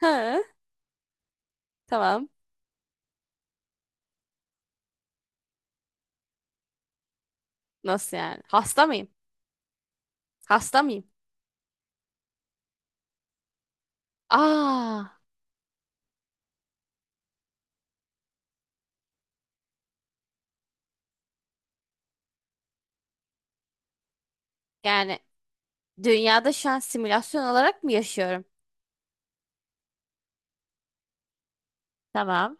Ha, tamam. Nasıl yani? Hasta mıyım? Hasta mıyım? Aa, yani dünyada şu an simülasyon olarak mı yaşıyorum? Tamam,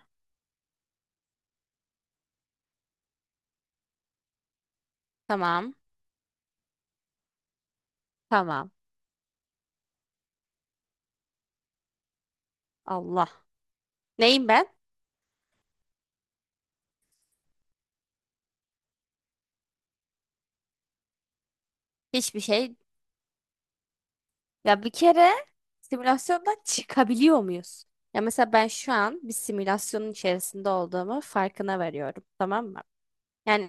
tamam, tamam. Allah. Neyim ben? Hiçbir şey. Ya bir kere simülasyondan çıkabiliyor muyuz? Ya mesela ben şu an bir simülasyonun içerisinde olduğumu farkına varıyorum. Tamam mı? Yani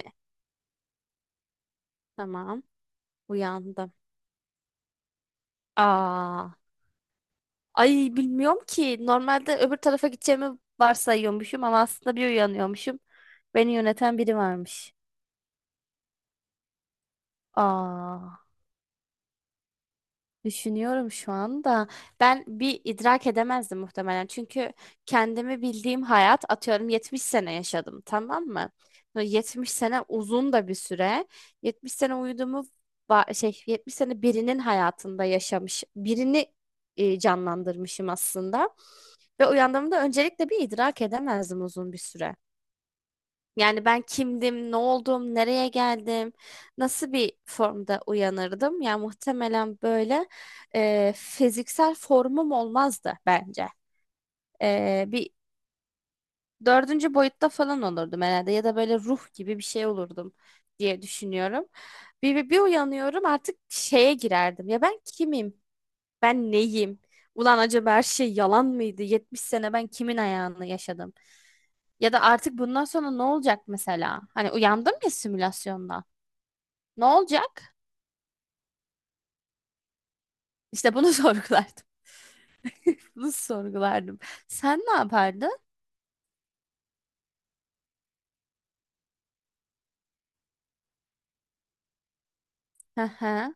tamam, uyandım. Aa, ay bilmiyorum ki. Normalde öbür tarafa gideceğimi varsayıyormuşum ama aslında bir uyanıyormuşum. Beni yöneten biri varmış. Aa, düşünüyorum şu anda. Ben bir idrak edemezdim muhtemelen. Çünkü kendimi bildiğim hayat atıyorum 70 sene yaşadım, tamam mı? Böyle 70 sene uzun da bir süre. 70 sene uyuduğumu 70 sene birinin hayatında yaşamış, birini canlandırmışım aslında. Ve uyandığımda öncelikle bir idrak edemezdim uzun bir süre. Yani ben kimdim, ne oldum, nereye geldim, nasıl bir formda uyanırdım? Yani muhtemelen böyle fiziksel formum olmazdı bence. Bir dördüncü boyutta falan olurdum herhalde ya da böyle ruh gibi bir şey olurdum diye düşünüyorum. Bir uyanıyorum artık şeye girerdim. Ya ben kimim? Ben neyim? Ulan acaba her şey yalan mıydı? 70 sene ben kimin ayağını yaşadım? Ya da artık bundan sonra ne olacak mesela? Hani uyandım ya simülasyonda. Ne olacak? İşte bunu sorgulardım. Bunu sorgulardım. Sen ne yapardın? Hı hı.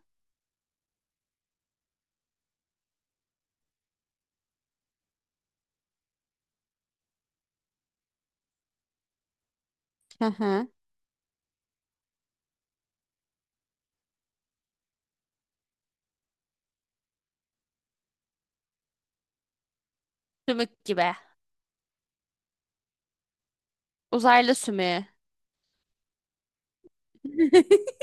Hı hı. Sümük gibi. Uzaylı sümüğü.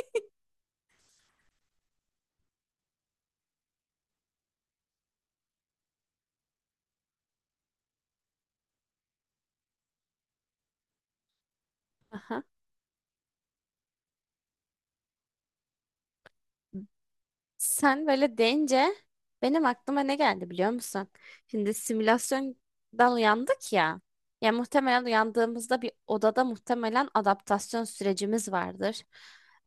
Aha. Sen böyle deyince benim aklıma ne geldi biliyor musun? Şimdi simülasyondan uyandık ya. Ya muhtemelen uyandığımızda bir odada muhtemelen adaptasyon sürecimiz vardır.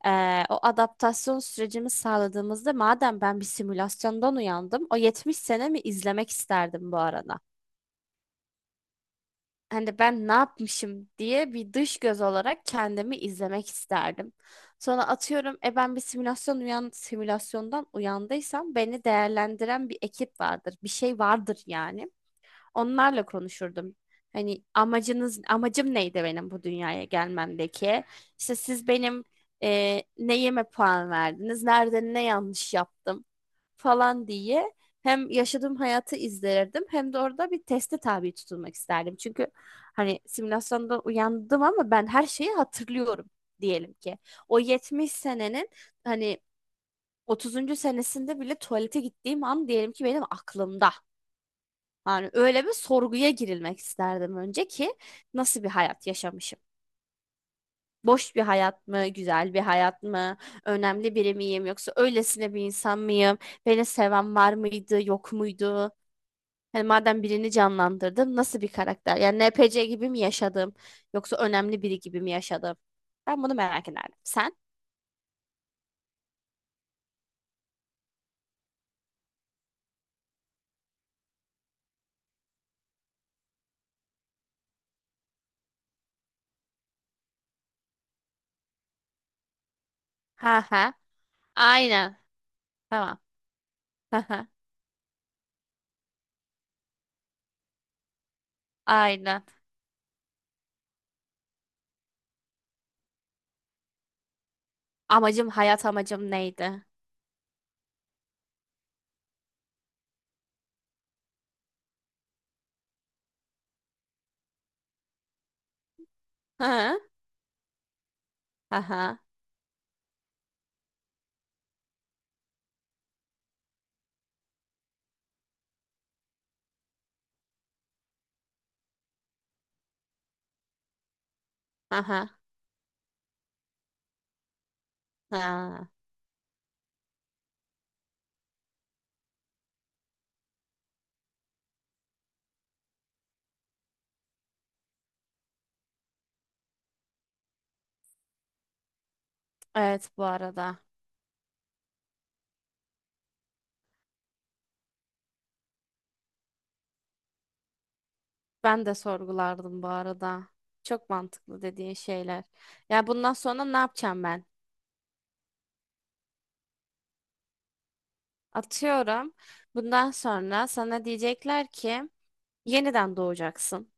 O adaptasyon sürecimi sağladığımızda madem ben bir simülasyondan uyandım, o 70 mi izlemek isterdim bu arada, hani ben ne yapmışım diye bir dış göz olarak kendimi izlemek isterdim. Sonra atıyorum ben bir simülasyondan uyandıysam beni değerlendiren bir ekip vardır. Bir şey vardır yani onlarla konuşurdum. Amacım neydi benim bu dünyaya gelmemdeki? İşte siz benim neyime puan verdiniz, nerede ne yanlış yaptım falan diye hem yaşadığım hayatı izlerdim hem de orada bir teste tabi tutulmak isterdim. Çünkü hani simülasyonda uyandım ama ben her şeyi hatırlıyorum diyelim ki. O 70 senenin hani 30. senesinde bile tuvalete gittiğim an diyelim ki benim aklımda. Yani öyle bir sorguya girilmek isterdim önce ki nasıl bir hayat yaşamışım? Boş bir hayat mı, güzel bir hayat mı, önemli biri miyim yoksa öylesine bir insan mıyım? Beni seven var mıydı, yok muydu? Hani madem birini canlandırdım nasıl bir karakter? Yani NPC gibi mi yaşadım yoksa önemli biri gibi mi yaşadım? Ben bunu merak ederdim. Sen? Ha ha. Aynen. Tamam. Ha ha. Aynen. Amacım, hayat amacım neydi? Ha ha. Ha ha. Ha ha. Ha. Evet bu arada. Ben de sorgulardım bu arada. Çok mantıklı dediğin şeyler. Ya bundan sonra ne yapacağım ben? Atıyorum. Bundan sonra sana diyecekler ki yeniden doğacaksın.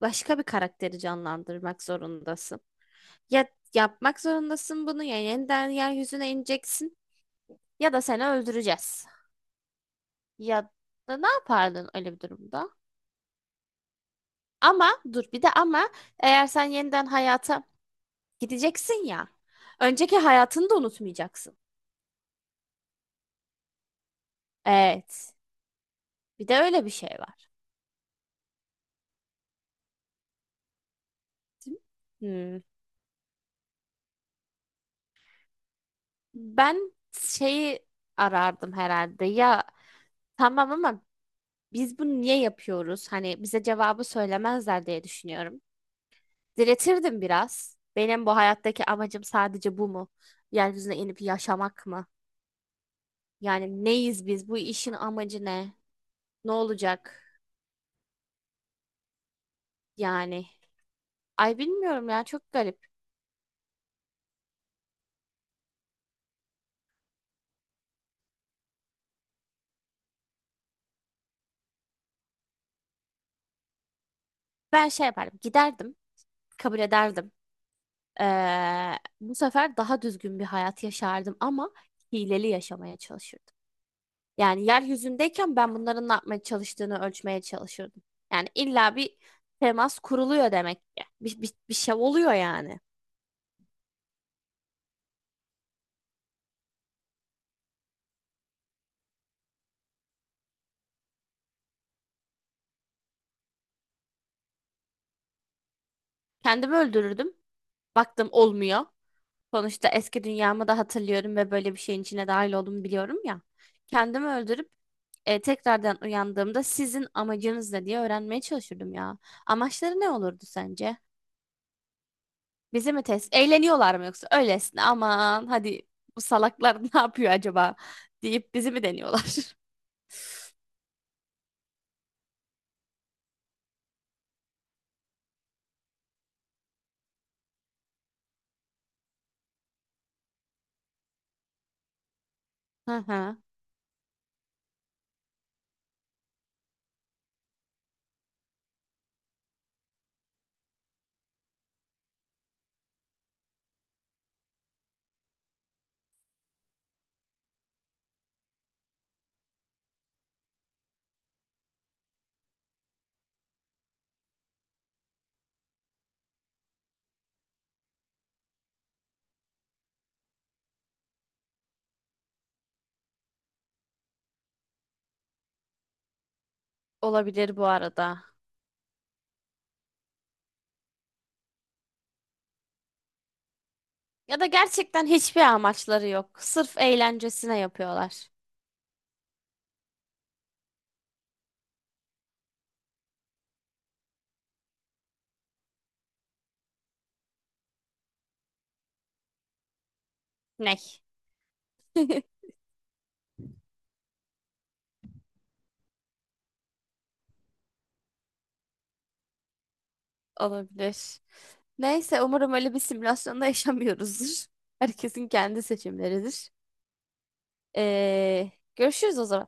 Başka bir karakteri canlandırmak zorundasın. Ya yapmak zorundasın bunu, ya yeniden yeryüzüne ineceksin ya da seni öldüreceğiz. Ya da ne yapardın öyle bir durumda? Ama dur bir de ama eğer sen yeniden hayata gideceksin ya. Önceki hayatını da unutmayacaksın. Evet. Bir de öyle bir şey var. Hmm. Ben şeyi arardım herhalde. Ya tamam ama biz bunu niye yapıyoruz? Hani bize cevabı söylemezler diye düşünüyorum. Diretirdim biraz. Benim bu hayattaki amacım sadece bu mu? Yeryüzüne inip yaşamak mı? Yani neyiz biz? Bu işin amacı ne? Ne olacak? Yani. Ay bilmiyorum ya, çok garip. Ben şey yapardım. Giderdim. Kabul ederdim. Bu sefer daha düzgün bir hayat yaşardım ama hileli yaşamaya çalışırdım. Yani yeryüzündeyken ben bunların ne yapmaya çalıştığını ölçmeye çalışırdım. Yani illa bir temas kuruluyor demek ki. Bir şey oluyor yani. Kendimi öldürürdüm. Baktım olmuyor. Sonuçta eski dünyamı da hatırlıyorum ve böyle bir şeyin içine dahil olduğumu biliyorum ya. Kendimi öldürüp tekrardan uyandığımda sizin amacınız ne diye öğrenmeye çalışırdım ya. Amaçları ne olurdu sence? Bizi mi test? Eğleniyorlar mı yoksa öylesine aman hadi bu salaklar ne yapıyor acaba deyip bizi mi deniyorlar? Hı hı. Olabilir bu arada. Ya da gerçekten hiçbir amaçları yok. Sırf eğlencesine yapıyorlar. Ney? Olabilir. Neyse umarım öyle bir simülasyonda yaşamıyoruzdur. Herkesin kendi seçimleridir. Görüşürüz o zaman.